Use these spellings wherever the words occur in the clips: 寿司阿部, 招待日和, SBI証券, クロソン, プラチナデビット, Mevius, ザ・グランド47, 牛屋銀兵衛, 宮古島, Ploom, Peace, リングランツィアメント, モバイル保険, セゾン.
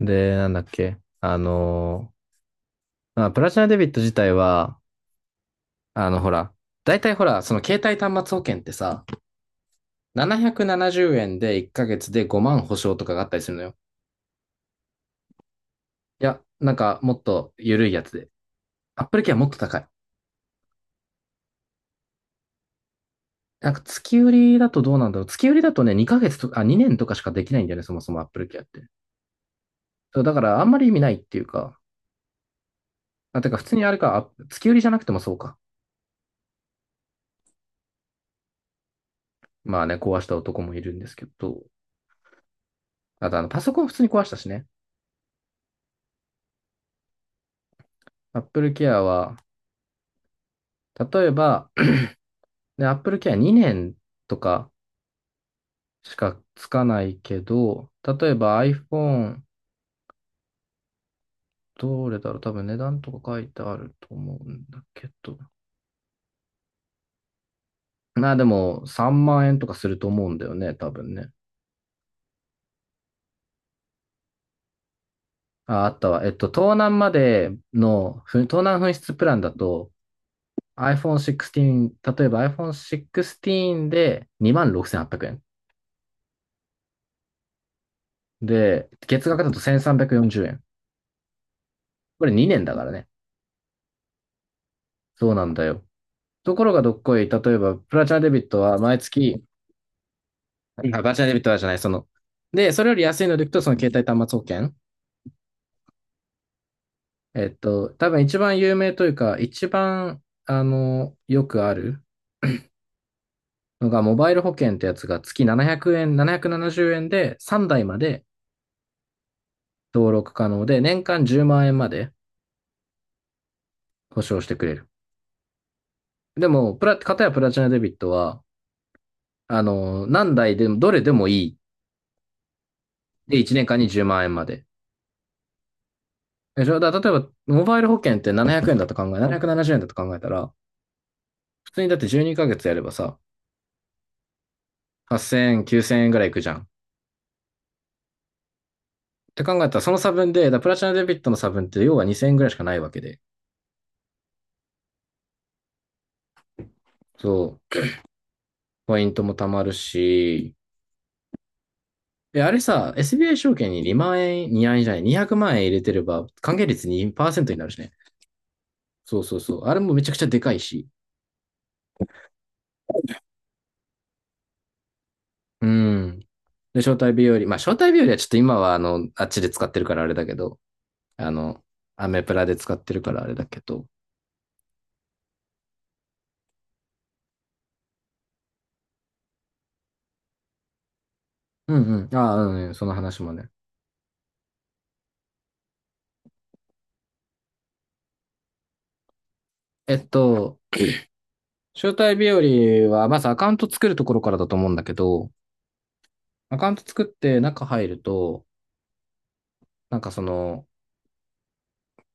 で、なんだっけ。まあ、プラチナデビット自体は、ほら、大体ほら、その携帯端末保険ってさ、770円で1ヶ月で5万保証とかがあったりするのよ。いや、なんかもっと緩いやつで。アップルケアもっと高い。なんか月売りだとどうなんだろう。月売りだとね、2ヶ月とか、あ、2年とかしかできないんだよね、そもそもアップルケアって。そう、だからあんまり意味ないっていうか、まあ、てか普通にあれか、あ月売りじゃなくてもそうか。まあね、壊した男もいるんですけど、あと、パソコン普通に壊したしね。Apple Care は、例えば、ね Apple Care 2年とかしかつかないけど、例えば iPhone、どれだろう、多分値段とか書いてあると思うんだけど。まあでも3万円とかすると思うんだよね、多分ね。あ、あったわ。盗難までの、ふ盗難紛失プランだと iPhone 16、例えば iPhone 16で26,800円。で、月額だと1340円。これ2年だからね。そうなんだよ。ところがどっこい、例えば、プラチナデビットは毎月、あ、プラチナデビットはじゃない、その、で、それより安いのでいくと、その携帯端末保険。多分一番有名というか、一番、よくあるのが、モバイル保険ってやつが月700円、770円で3台まで登録可能で、年間10万円まんえんまで保証してくれる。でも、片やプラチナデビットは、何台でも、どれでもいい。で、1年間に10万円まんえんまで。え、じゃあ、例えば、モバイル保険って700円だと考え、770円だと考えたら、普通にだって12ヶ月やればさ、8000円、9000円ぐらいいくじゃん。って考えたら、その差分で、だからプラチナデビットの差分って要は2000円ぐらいしかないわけで。そう。ポイントも貯まるし、え、あれさ、SBI 証券に2万円、2円じゃない、200万円入れてれば、還元率2%になるしね。そうそうそう。あれもめちゃくちゃでかいし。うん。で、招待日和。まあ、招待日和はちょっと今は、あっちで使ってるからあれだけど、あの、アメプラで使ってるからあれだけど。うんうん。ああ、うん、その話もね。えっと、招待日和は、まずアカウント作るところからだと思うんだけど、アカウント作って中入ると、なんかその、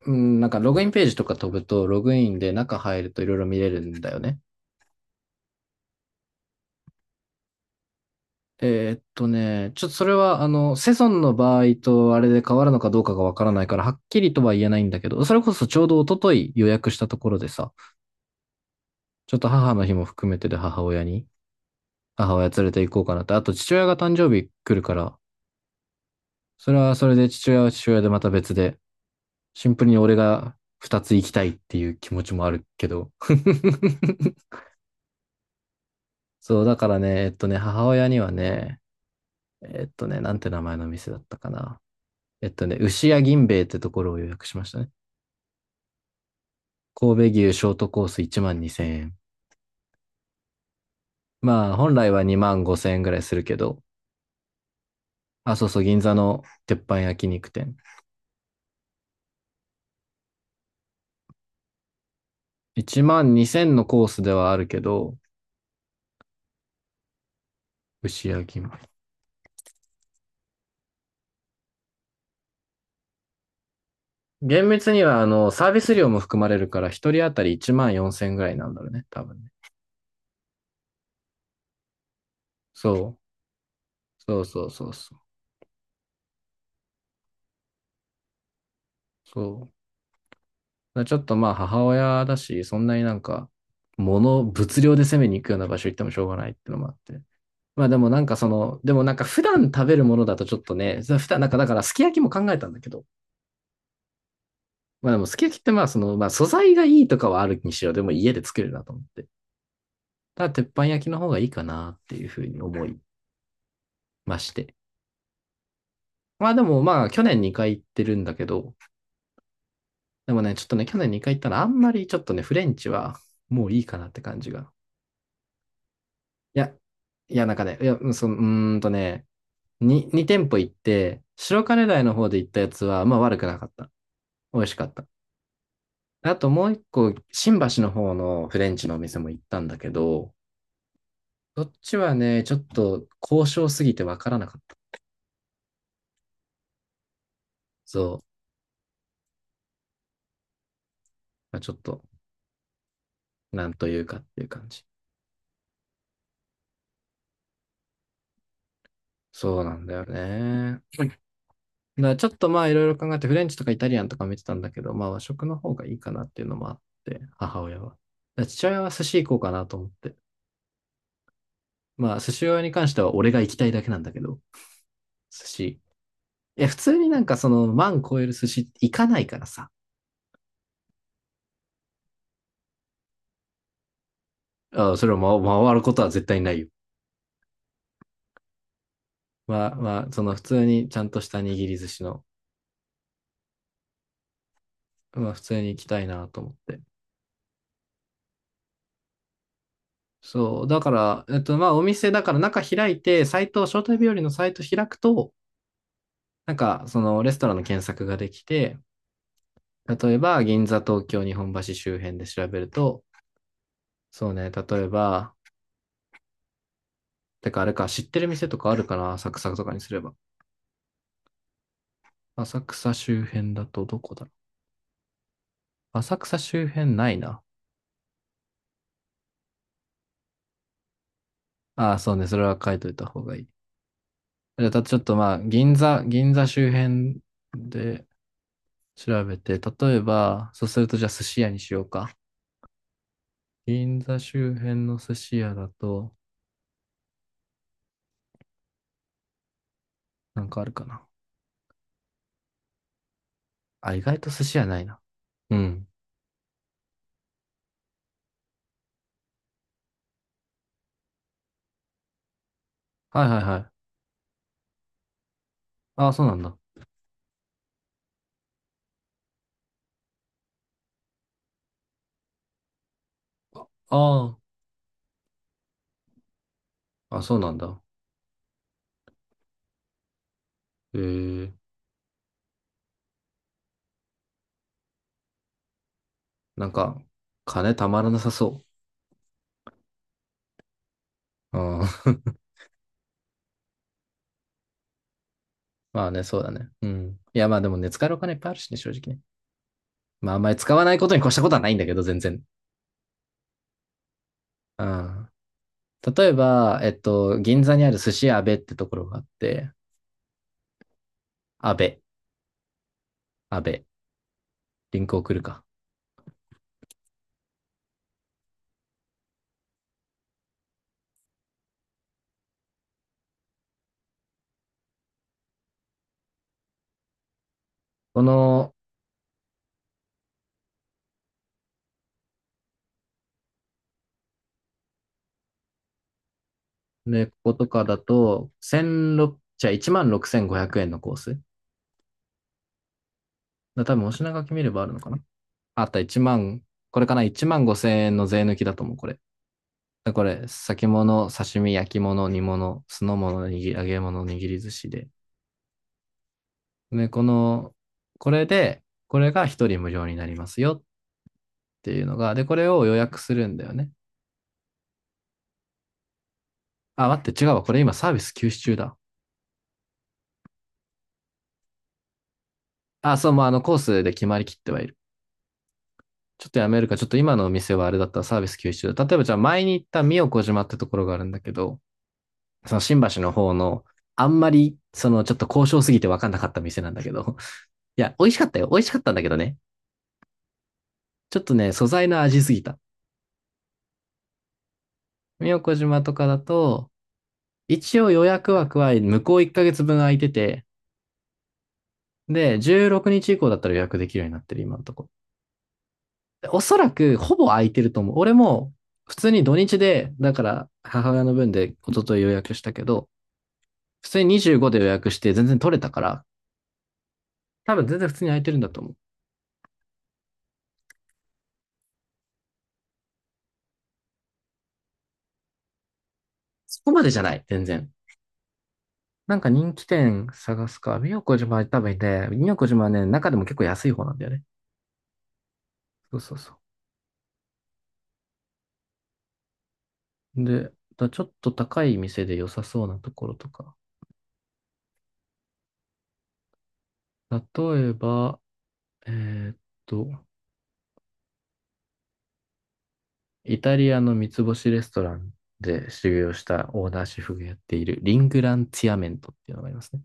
うん、なんかログインページとか飛ぶと、ログインで中入るといろいろ見れるんだよね。ちょっとそれは、セゾンの場合とあれで変わるのかどうかがわからないから、はっきりとは言えないんだけど、それこそちょうど一昨日予約したところでさ、ちょっと母の日も含めてで母親に、母親連れて行こうかなと。あと父親が誕生日来るから、それはそれで父親は父親でまた別で、シンプルに俺が二つ行きたいっていう気持ちもあるけど。そう、だからね、母親にはね、なんて名前の店だったかな。牛屋銀兵衛ってところを予約しましたね。神戸牛ショートコース1万2000円。まあ、本来は2万5000円ぐらいするけど、あ、そうそう、銀座の鉄板焼肉店。1万2000のコースではあるけど、牛屋銀厳密には、サービス料も含まれるから、一人当たり1万4千ぐらいなんだろうね、多分ね。そう。そうそうそうそう。そう。だからちょっとまあ、母親だし、そんなになんか、物量で攻めに行くような場所行ってもしょうがないってのもあって。まあでもなんかその、でもなんか普段食べるものだとちょっとね、普段なんかだからすき焼きも考えたんだけど、まあでもすき焼きってまあその、まあ素材がいいとかはあるにしろ、でも家で作れるなと思って。ただ鉄板焼きの方がいいかなっていうふうに思いまして。まあでもまあ去年2回行ってるんだけど、でもね、ちょっとね、去年2回行ったらあんまりちょっとね、フレンチはもういいかなって感じが。いや、いやなんかね、いや、うその、ーんとね、2店舗行って、白金台の方で行ったやつはまあ悪くなかった。美味しかった。あともう一個、新橋の方のフレンチのお店も行ったんだけど、どっちはね、ちょっと高渉すぎてわからなかった。そう。まあ、ちょっと、なんというかっていう感じ。そうなんだよね。まあちょっとまあいろいろ考えて、フレンチとかイタリアンとか見てたんだけど、まあ和食の方がいいかなっていうのもあって、母親は。だから父親は寿司行こうかなと思って。まあ寿司屋に関しては俺が行きたいだけなんだけど、寿司。いや、普通になんかその万超える寿司行かないからさ。あそれを回回ることは絶対ないよ。まあまあ、その普通にちゃんとした握り寿司の、まあ普通に行きたいなと思って。そう、だから、まあお店だから中開いて、サイト、招待日和のサイト開くと、なんか、そのレストランの検索ができて、例えば、銀座、東京、日本橋周辺で調べると、そうね、例えば、てかあれか、知ってる店とかあるかな、浅草とかにすれば。浅草周辺だとどこだろう。浅草周辺ないな。ああ、そうね、それは書いといた方がいい。じゃあちょっとまあ、銀座周辺で調べて、例えば、そうするとじゃあ寿司屋にしようか。銀座周辺の寿司屋だと、なんかあるかな。あ、意外と寿司屋ないな。うん。はいはいはい。ああ、そうなんだ。ああ、あ、そうなんだ。ええ、なんか、金たまらなさそう。うん。まあね、そうだね。うん。いや、まあでもね、使えるお金いっぱいあるしね、正直ね。まあ、あんまり使わないことに越したことはないんだけど、全然。うん。例えば、銀座にある寿司阿部ってところがあって、阿部、阿部、リンク送るか。この、ね、こことかだと、16、じゃあ1万6500円のコース。多分、お品書き見ればあるのかなあった1万、これかな？ 1 万5千円の税抜きだと思う、これ。これ、先物、刺身、焼き物、煮物、酢の物、に揚げ物、握り寿司で。で、この、これで、これが一人無料になりますよっていうのが、で、これを予約するんだよね。あ、待って、違うわ。これ今サービス休止中だ。あ、そう、もうあのコースで決まりきってはいる。ちょっとやめるか、ちょっと今のお店はあれだったらサービス休止中だ。例えばじゃあ前に行った宮古島ってところがあるんだけど、その新橋の方の、あんまり、そのちょっと交渉すぎて分かんなかった店なんだけど。いや、美味しかったよ。美味しかったんだけどね。ちょっとね、素材の味すぎた。宮古島とかだと、一応予約枠は向こう1ヶ月分空いてて、で、16日以降だったら予約できるようになってる、今のとこ。ろおそらく、ほぼ空いてると思う。俺も、普通に土日で、だから、母親の分で一昨日予約したけど、普通に25で予約して全然取れたから、多分全然普通に空いてるんだと思う。そこまでじゃない、全然。なんか人気店探すか。宮古島は多分いて、宮古島はね、中でも結構安い方なんだよね。そうそうそう。で、だからちょっと高い店で良さそうなところとか。例えば、えーっと、イタリアの三つ星レストランで修行したオーナーシェフがやっているリングランツィアメントっていうのがありますね。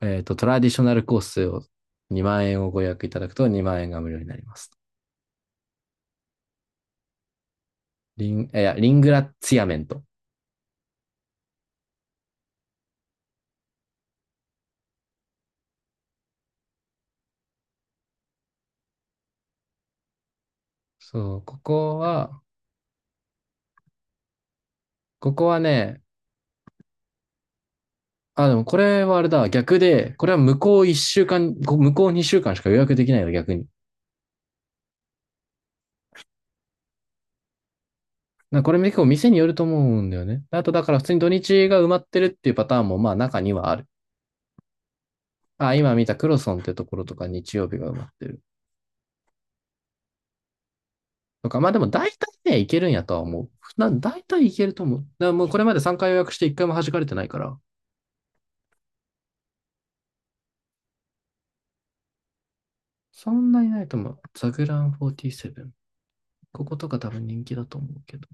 トラディショナルコースを2万円をご予約いただくと2万円が無料になります。リン、いや、リングラツィアメント。そう、ここは、ここはね、あ、でもこれはあれだ、逆で、これは向こう一週間、こ向こう二週間しか予約できないの、逆に。なこれ結構店によると思うんだよね。あとだから普通に土日が埋まってるっていうパターンもまあ中にはある。あ、今見たクロソンってところとか日曜日が埋まってる。とか、まあでも大体ね、いけるんやとは思う。な、大体いけると思う。だからもうこれまで3回予約して1回も弾かれてないから、そんなにないと思う。ザグラン47。こことか多分人気だと思うけど。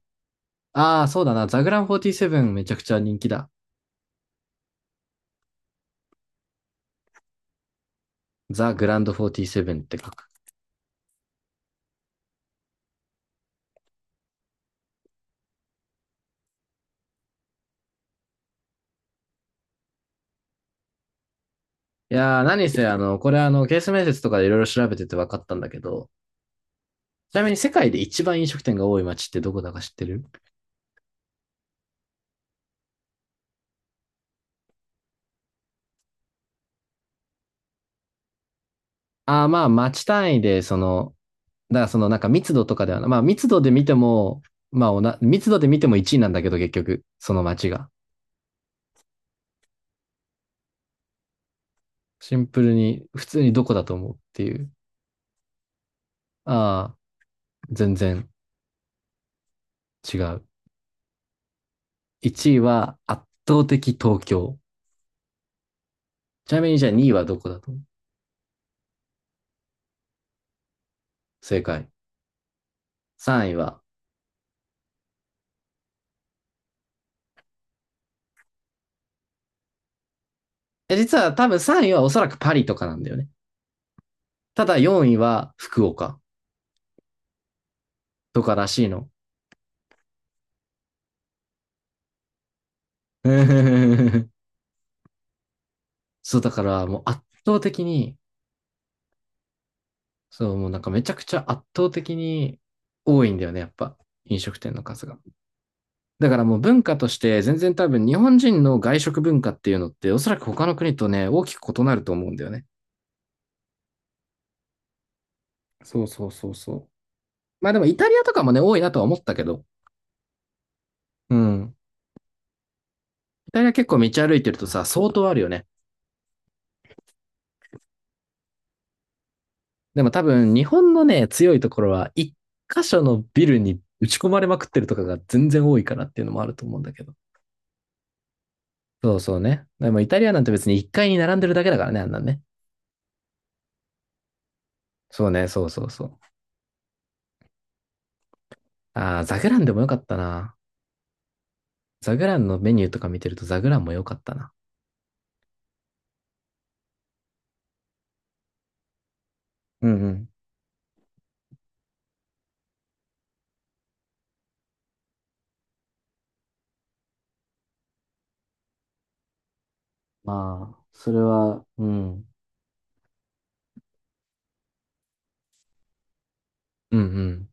ああ、そうだな。ザグラン47めちゃくちゃ人気だ。ザ・グランド47って書く。いやー、何せ、これケース面接とかでいろいろ調べてて分かったんだけど、ちなみに世界で一番飲食店が多い街ってどこだか知ってる？ああ、まあ、街単位で、その、だからそのなんか密度とかではなまあ密度で見ても、まあおな、密度で見ても1位なんだけど結局、その街が。シンプルに、普通にどこだと思うっていう。ああ、全然違う。1位は圧倒的東京。ちなみにじゃあ2位はどこだと思う？正解。3位は実は多分3位はおそらくパリとかなんだよね。ただ4位は福岡とからしいの。そう、だからもう圧倒的に、そう、もうなんかめちゃくちゃ圧倒的に多いんだよね、やっぱ。飲食店の数が。だからもう文化として全然多分日本人の外食文化っていうのっておそらく他の国とね、大きく異なると思うんだよね。そうそうそうそう。まあでもイタリアとかもね、多いなとは思ったけど。うん。イタリア結構道歩いてるとさ、相当あるよね。でも多分日本のね、強いところは、一箇所のビルに打ち込まれまくってるとかが全然多いからっていうのもあると思うんだけど。そうそうね。でもイタリアなんて別に1階に並んでるだけだからね、あんなんね。そうね、そうそうそう。ああ、ザグランでもよかったな。ザグランのメニューとか見てるとザグランもよかったな。うんうん。まあ、それは、うん。うんうん。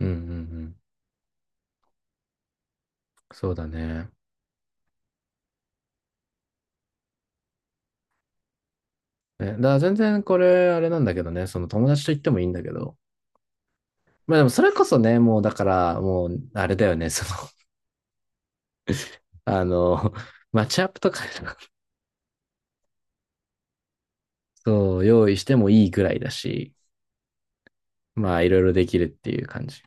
うんうんうん。そうだね。え、だから全然これ、あれなんだけどね、その友達と行ってもいいんだけど、まあでもそれこそね、もうだから、もうあれだよね、その、あの、マッチアップとかそう、用意してもいいぐらいだし、まあいろいろできるっていう感じ。